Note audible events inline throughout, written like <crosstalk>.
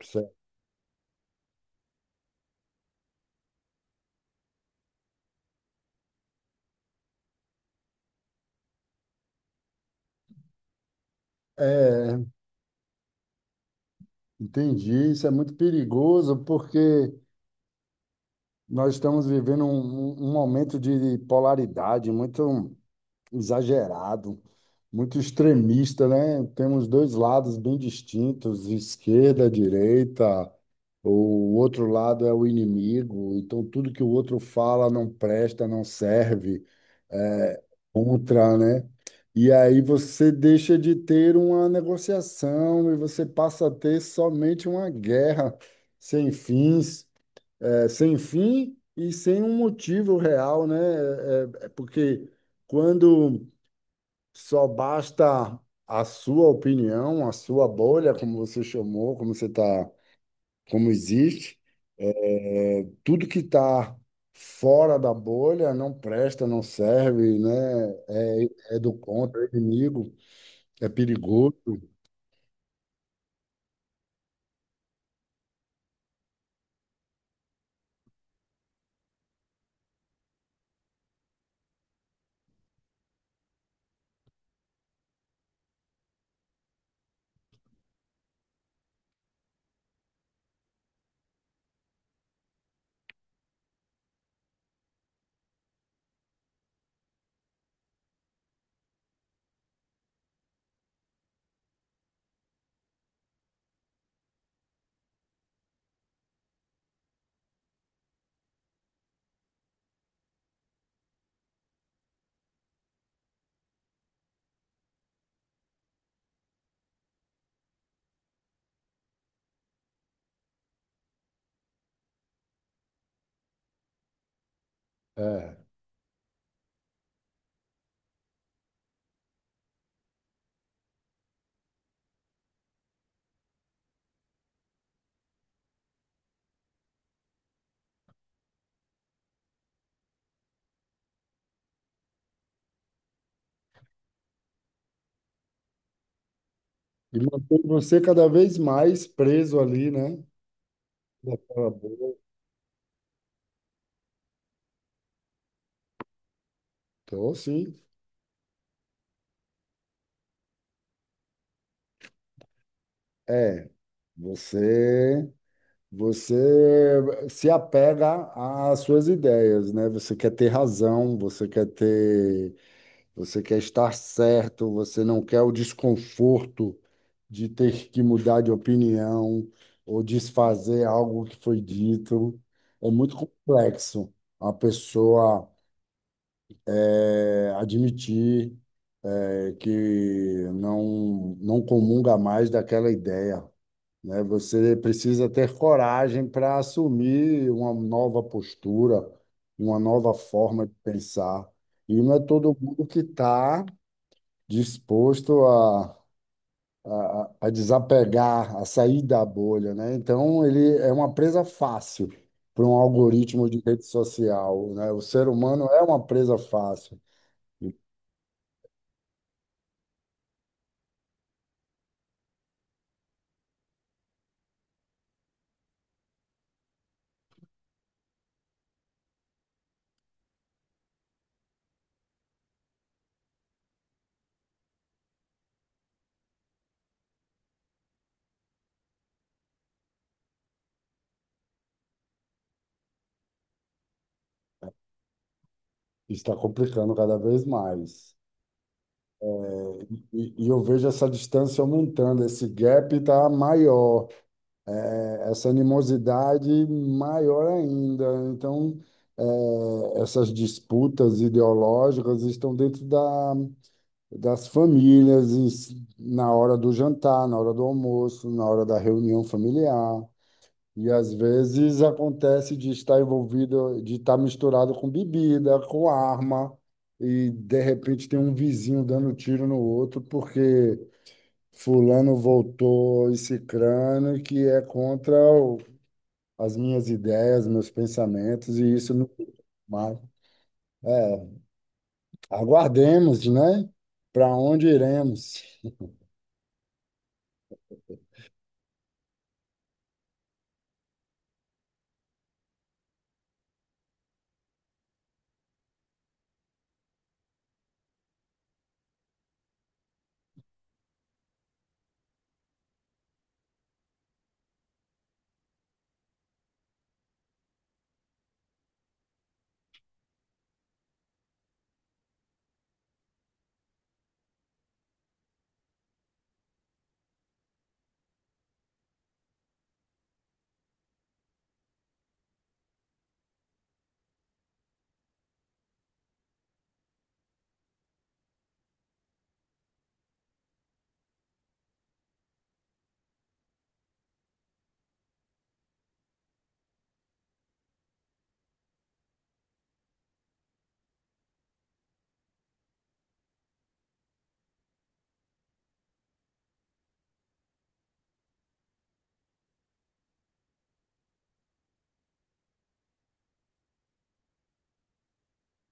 Certo. É, entendi. Isso é muito perigoso porque nós estamos vivendo um momento de polaridade muito. Exagerado, muito extremista, né? Temos dois lados bem distintos, esquerda, direita, o outro lado é o inimigo, então tudo que o outro fala não presta, não serve, é contra, né? E aí você deixa de ter uma negociação e você passa a ter somente uma guerra sem fins, é, sem fim e sem um motivo real, né? É porque quando só basta a sua opinião, a sua bolha, como você chamou, como você está, como existe. É, tudo que está fora da bolha não presta, não serve, né? É do contra, é inimigo, é perigoso. É. E mantém você cada vez mais preso ali, né? Naquela bolha. Então, sim, é. Você Você se apega às suas ideias, né? Você quer ter razão, você quer ter, você quer estar certo, você não quer o desconforto de ter que mudar de opinião ou desfazer algo que foi dito. É muito complexo a pessoa admitir, que não comunga mais daquela ideia, né? Você precisa ter coragem para assumir uma nova postura, uma nova forma de pensar. E não é todo mundo que está disposto a desapegar, a sair da bolha, né? Então, ele é uma presa fácil para um algoritmo de rede social, né? O ser humano é uma presa fácil. E Está complicando cada vez mais. E eu vejo essa distância aumentando, esse gap está maior, é, essa animosidade maior ainda. Então, essas disputas ideológicas estão dentro da, das famílias, em si, na hora do jantar, na hora do almoço, na hora da reunião familiar. E às vezes acontece de estar envolvido, de estar misturado com bebida, com arma, e de repente tem um vizinho dando tiro no outro porque fulano voltou e cicrano que é contra o as minhas ideias, meus pensamentos, e isso não, mas, é, aguardemos, né? Para onde iremos?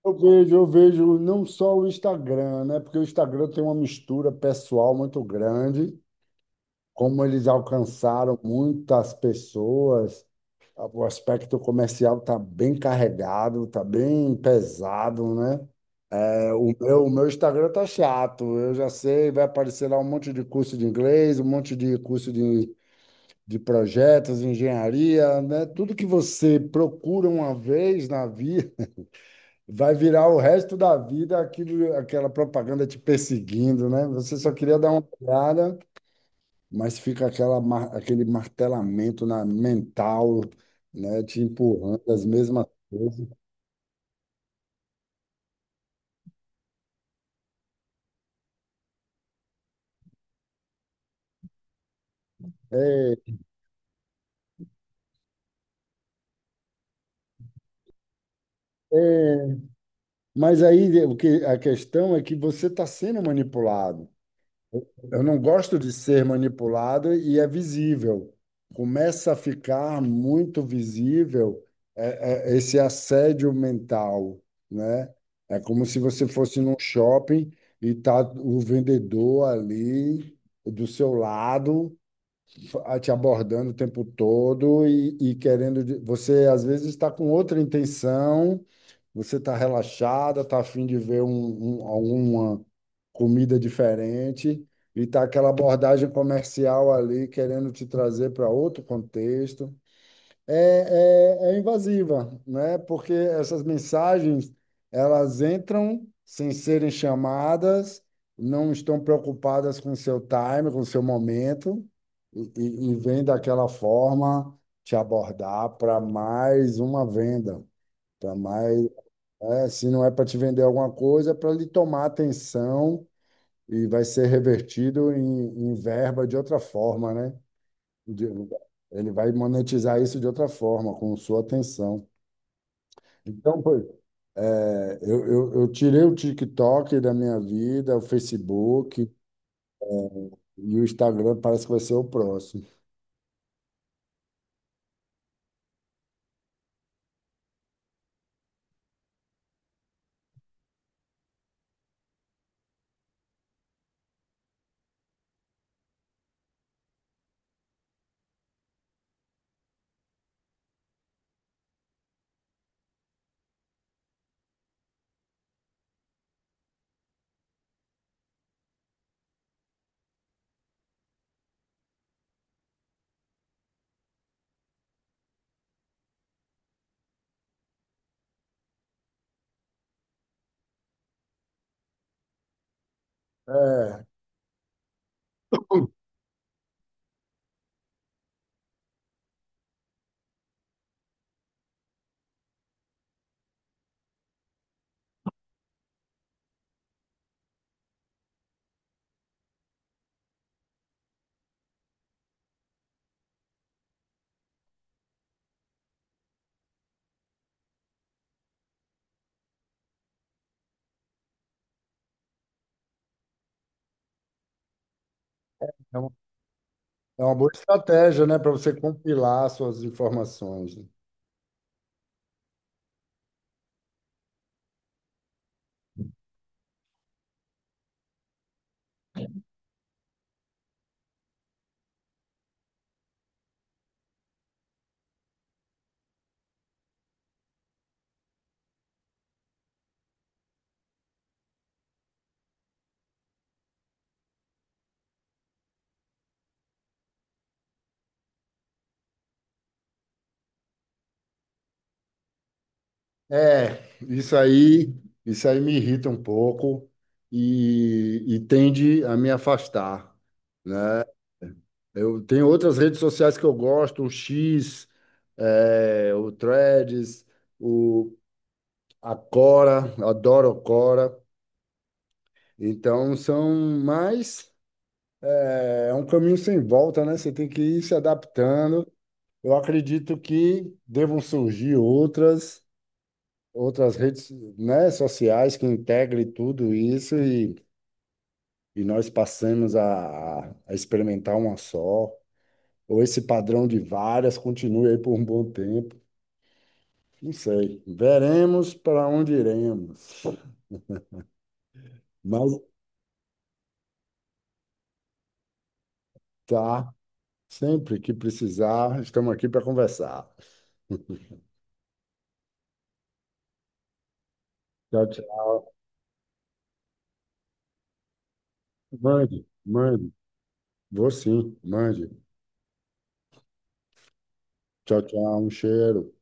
Eu vejo não só o Instagram, né? Porque o Instagram tem uma mistura pessoal muito grande, como eles alcançaram muitas pessoas. O aspecto comercial está bem carregado, está bem pesado, né? É, o meu Instagram tá chato, eu já sei, vai aparecer lá um monte de curso de inglês, um monte de curso de projetos, engenharia, né? Tudo que você procura uma vez na vida <laughs> vai virar o resto da vida aquilo, aquela propaganda te perseguindo, né? Você só queria dar uma olhada, mas fica aquele martelamento na mental, né? Te empurrando as mesmas coisas. É, mas aí o que, a questão é que você está sendo manipulado. Eu não gosto de ser manipulado e é visível. Começa a ficar muito visível, esse assédio mental, né? É como se você fosse num shopping e tá o vendedor ali do seu lado, te abordando o tempo todo e querendo. Você às vezes está com outra intenção, você está relaxada, está afim de ver alguma comida diferente e está aquela abordagem comercial ali querendo te trazer para outro contexto. É, é invasiva, né? Porque essas mensagens elas entram sem serem chamadas, não estão preocupadas com seu time, com seu momento e vêm daquela forma te abordar para mais uma venda, para mais, é, se não é para te vender alguma coisa, é para lhe tomar atenção e vai ser revertido em verba de outra forma, né? De- ele vai monetizar isso de outra forma, com sua atenção. Então, pô, é, eu tirei o TikTok da minha vida, o Facebook e o Instagram parece que vai ser o próximo. É, é uma é uma boa estratégia, né, para você compilar suas informações, né? É, isso aí, isso aí me irrita um pouco e tende a me afastar. Eu tenho outras redes sociais que eu gosto, o X, é, o Threads, o a Quora, adoro a Quora. Então são mais, é é um caminho sem volta, né? Você tem que ir se adaptando. Eu acredito que devam surgir outras redes, né, sociais que integrem tudo isso e nós passamos a experimentar uma só, ou esse padrão de várias continue aí por um bom tempo. Não sei. Veremos para onde iremos. Mas tá, sempre que precisar, estamos aqui para conversar. <laughs> Tchau, tchau. Mande, mande. Vou sim, mande. Tchau, tchau. Um cheiro.